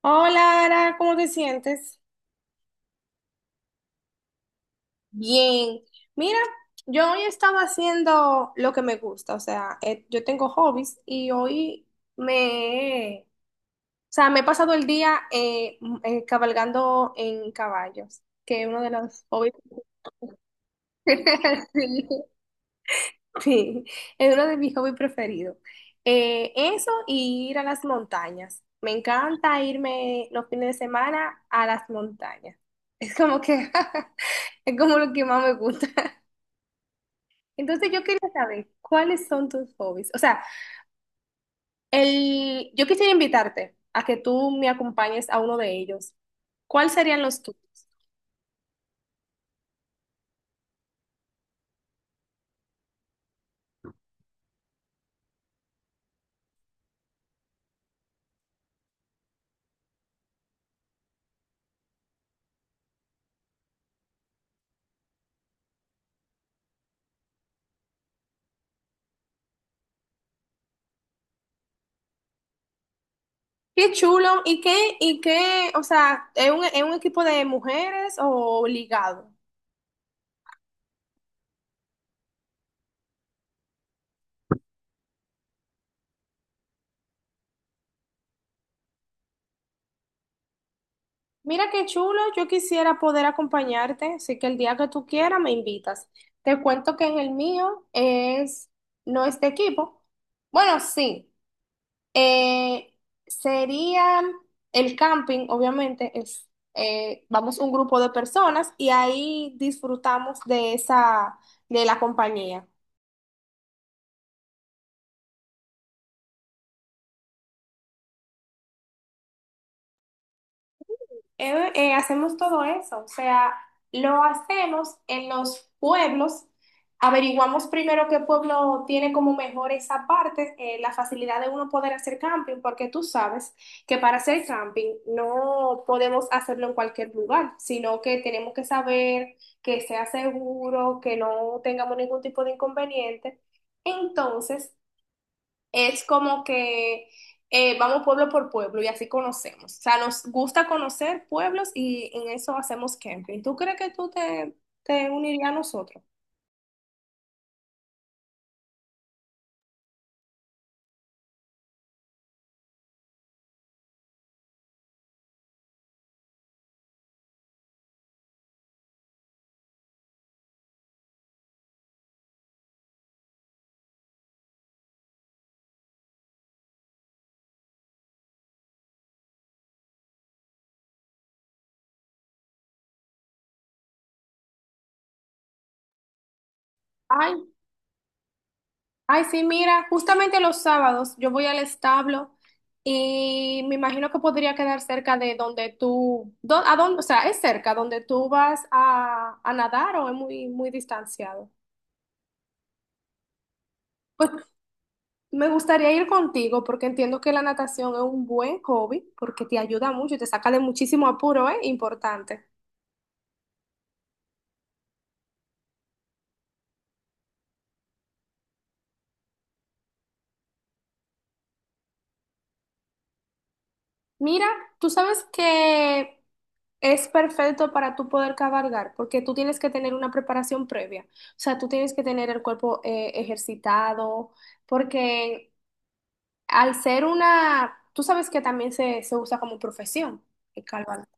Hola, Ara, ¿cómo te sientes? Bien. Mira, yo hoy estaba haciendo lo que me gusta, o sea, yo tengo hobbies y hoy me, me he pasado el día cabalgando en caballos, que es uno de los hobbies. Sí. Sí, es uno de mis hobbies preferidos. Eso y ir a las montañas. Me encanta irme los fines de semana a las montañas. Es como que es como lo que más me gusta. Entonces yo quería saber cuáles son tus hobbies. O sea, yo quisiera invitarte a que tú me acompañes a uno de ellos. ¿Cuáles serían los tuyos? Qué chulo y qué, o sea, ¿es es un equipo de mujeres o ligado? Mira qué chulo, yo quisiera poder acompañarte, así que el día que tú quieras me invitas. Te cuento que en el mío no es de equipo. Bueno, sí, eh, sería el camping, obviamente, vamos un grupo de personas y ahí disfrutamos de de la compañía. Hacemos todo eso, o sea, lo hacemos en los pueblos, averiguamos primero qué pueblo tiene como mejor esa parte, la facilidad de uno poder hacer camping, porque tú sabes que para hacer camping no podemos hacerlo en cualquier lugar, sino que tenemos que saber que sea seguro, que no tengamos ningún tipo de inconveniente. Entonces, es como que vamos pueblo por pueblo y así conocemos. O sea, nos gusta conocer pueblos y en eso hacemos camping. ¿Tú crees que te unirías a nosotros? Ay, ay, sí, mira, justamente los sábados yo voy al establo y me imagino que podría quedar cerca de donde a dónde, o sea, es cerca donde tú vas a nadar o es muy, muy distanciado. Pues me gustaría ir contigo porque entiendo que la natación es un buen hobby porque te ayuda mucho y te saca de muchísimo apuro, ¿eh? Importante. Mira, tú sabes que es perfecto para tú poder cabalgar porque tú tienes que tener una preparación previa. O sea, tú tienes que tener el cuerpo ejercitado porque al ser una, tú sabes que también se usa como profesión, el cabalgar.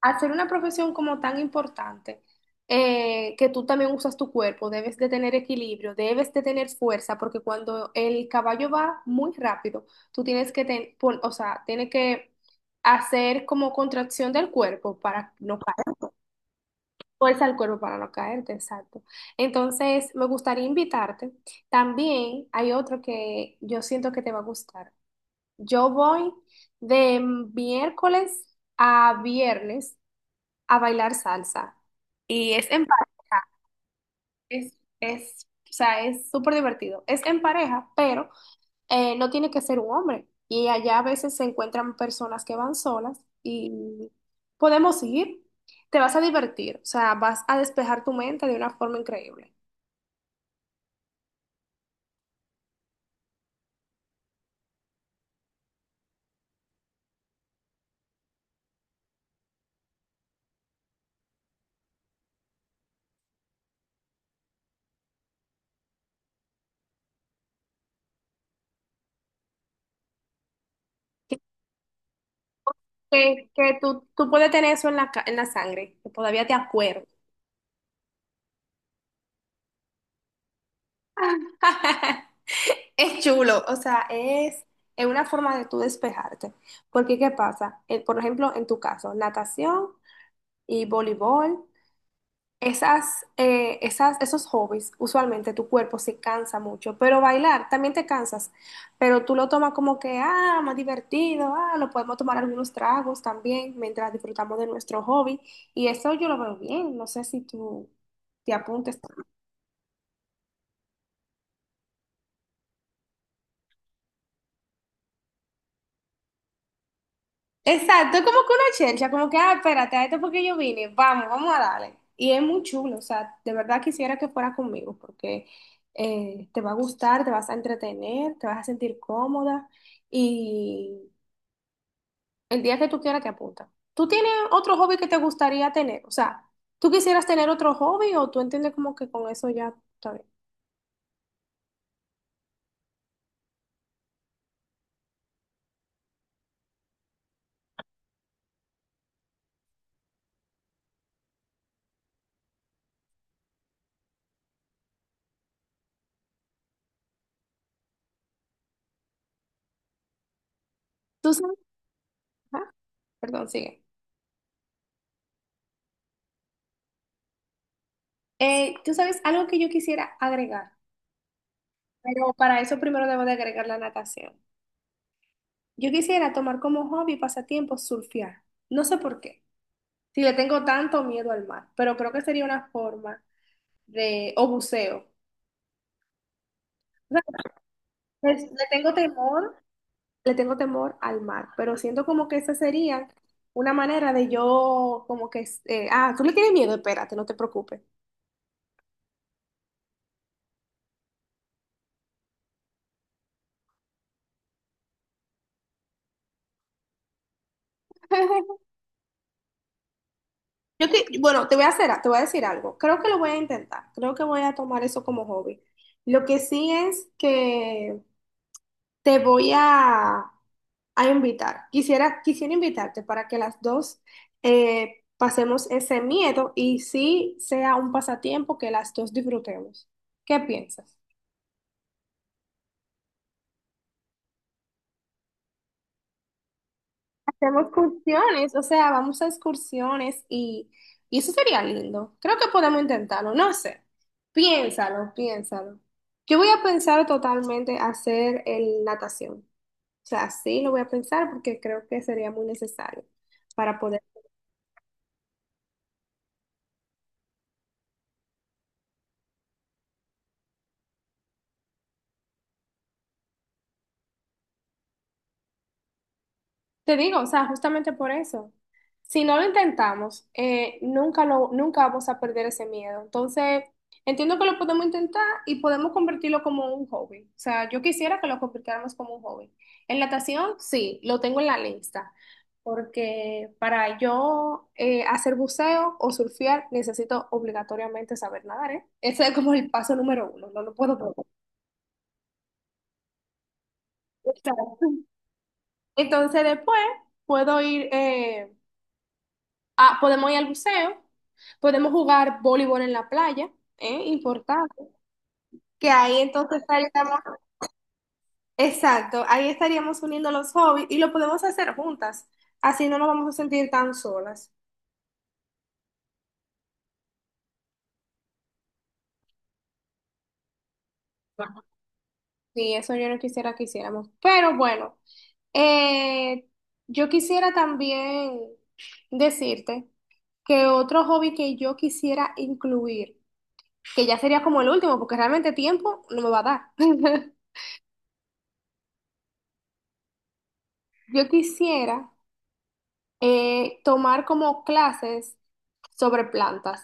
Hacer una profesión como tan importante, que tú también usas tu cuerpo, debes de tener equilibrio, debes de tener fuerza, porque cuando el caballo va muy rápido, tú tienes o sea, tienes que hacer como contracción del cuerpo para no caer, fuerza al cuerpo para no caerte, exacto. Entonces, me gustaría invitarte. También hay otro que yo siento que te va a gustar. Yo voy de miércoles a viernes a bailar salsa. Y es en pareja, es, o sea, es súper divertido. Es en pareja, pero no tiene que ser un hombre. Y allá a veces se encuentran personas que van solas y podemos ir. Te vas a divertir, o sea, vas a despejar tu mente de una forma increíble. Que, que tú puedes tener eso en en la sangre, que todavía te acuerdas. Es chulo, o sea, es una forma de tú despejarte. Porque, ¿qué pasa? Por ejemplo, en tu caso, natación y voleibol, esos hobbies, usualmente tu cuerpo se cansa mucho, pero bailar también te cansas, pero tú lo tomas como que, ah, más divertido, ah, lo podemos tomar algunos tragos también mientras disfrutamos de nuestro hobby. Y eso yo lo veo bien, no sé si tú te apuntes. Exacto, es como que una chelcha, como que, ah, espérate, a esto porque yo vine, vamos, vamos a darle. Y es muy chulo, o sea, de verdad quisiera que fuera conmigo, porque te va a gustar, te vas a entretener, te vas a sentir cómoda y el día que tú quieras te apunta. ¿Tú tienes otro hobby que te gustaría tener? O sea, ¿tú quisieras tener otro hobby o tú entiendes como que con eso ya está bien? ¿Tú sabes? Ajá, perdón, sigue. ¿Tú sabes algo que yo quisiera agregar? Pero para eso primero debo de agregar la natación. Yo quisiera tomar como hobby, y pasatiempo, surfear. No sé por qué. Si le tengo tanto miedo al mar, pero creo que sería una forma de, o buceo. O sea, es- le tengo temor, le tengo temor al mar, pero siento como que esa sería una manera de yo, como que, ah, tú le tienes miedo, espérate, no te preocupes. Yo que, bueno, te voy a hacer, te voy a decir algo. Creo que lo voy a intentar. Creo que voy a tomar eso como hobby. Lo que sí es que te voy a invitar. Quisiera, quisiera invitarte para que las dos pasemos ese miedo y sí sea un pasatiempo que las dos disfrutemos. ¿Qué piensas? Hacemos excursiones, o sea, vamos a excursiones y eso sería lindo. Creo que podemos intentarlo, no sé. Piénsalo, piénsalo. Yo voy a pensar totalmente hacer el natación. O sea, sí lo voy a pensar porque creo que sería muy necesario para poder. Te digo, o sea, justamente por eso. Si no lo intentamos, nunca vamos a perder ese miedo. Entonces, entiendo que lo podemos intentar y podemos convertirlo como un hobby. O sea, yo quisiera que lo convirtiéramos como un hobby. En natación, sí, lo tengo en la lista. Porque para yo hacer buceo o surfear, necesito obligatoriamente saber nadar, ¿eh? Ese es como el paso número uno, no lo puedo perder. Exacto. Entonces, después puedo ir. Ah, podemos ir al buceo, podemos jugar voleibol en la playa, ¿eh? Importante. Que ahí entonces estaríamos, exacto, ahí estaríamos uniendo los hobbies y lo podemos hacer juntas. Así no nos vamos a sentir tan solas. Sí, eso yo no quisiera que hiciéramos. Pero bueno, eh, yo quisiera también decirte que otro hobby que yo quisiera incluir, que ya sería como el último, porque realmente tiempo no me va a dar. Yo quisiera tomar como clases sobre plantas.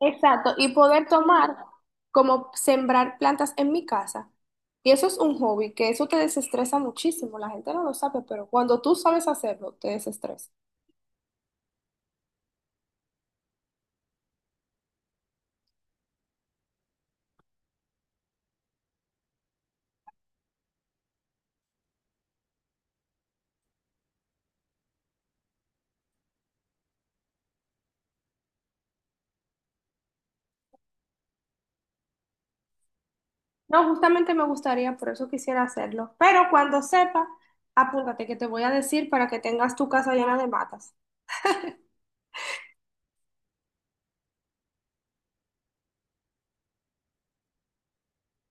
Exacto, y poder tomar como sembrar plantas en mi casa. Y eso es un hobby, que eso te desestresa muchísimo. La gente no lo sabe, pero cuando tú sabes hacerlo, te desestresa. No, justamente me gustaría, por eso quisiera hacerlo. Pero cuando sepa, apúntate que te voy a decir para que tengas tu casa llena de matas.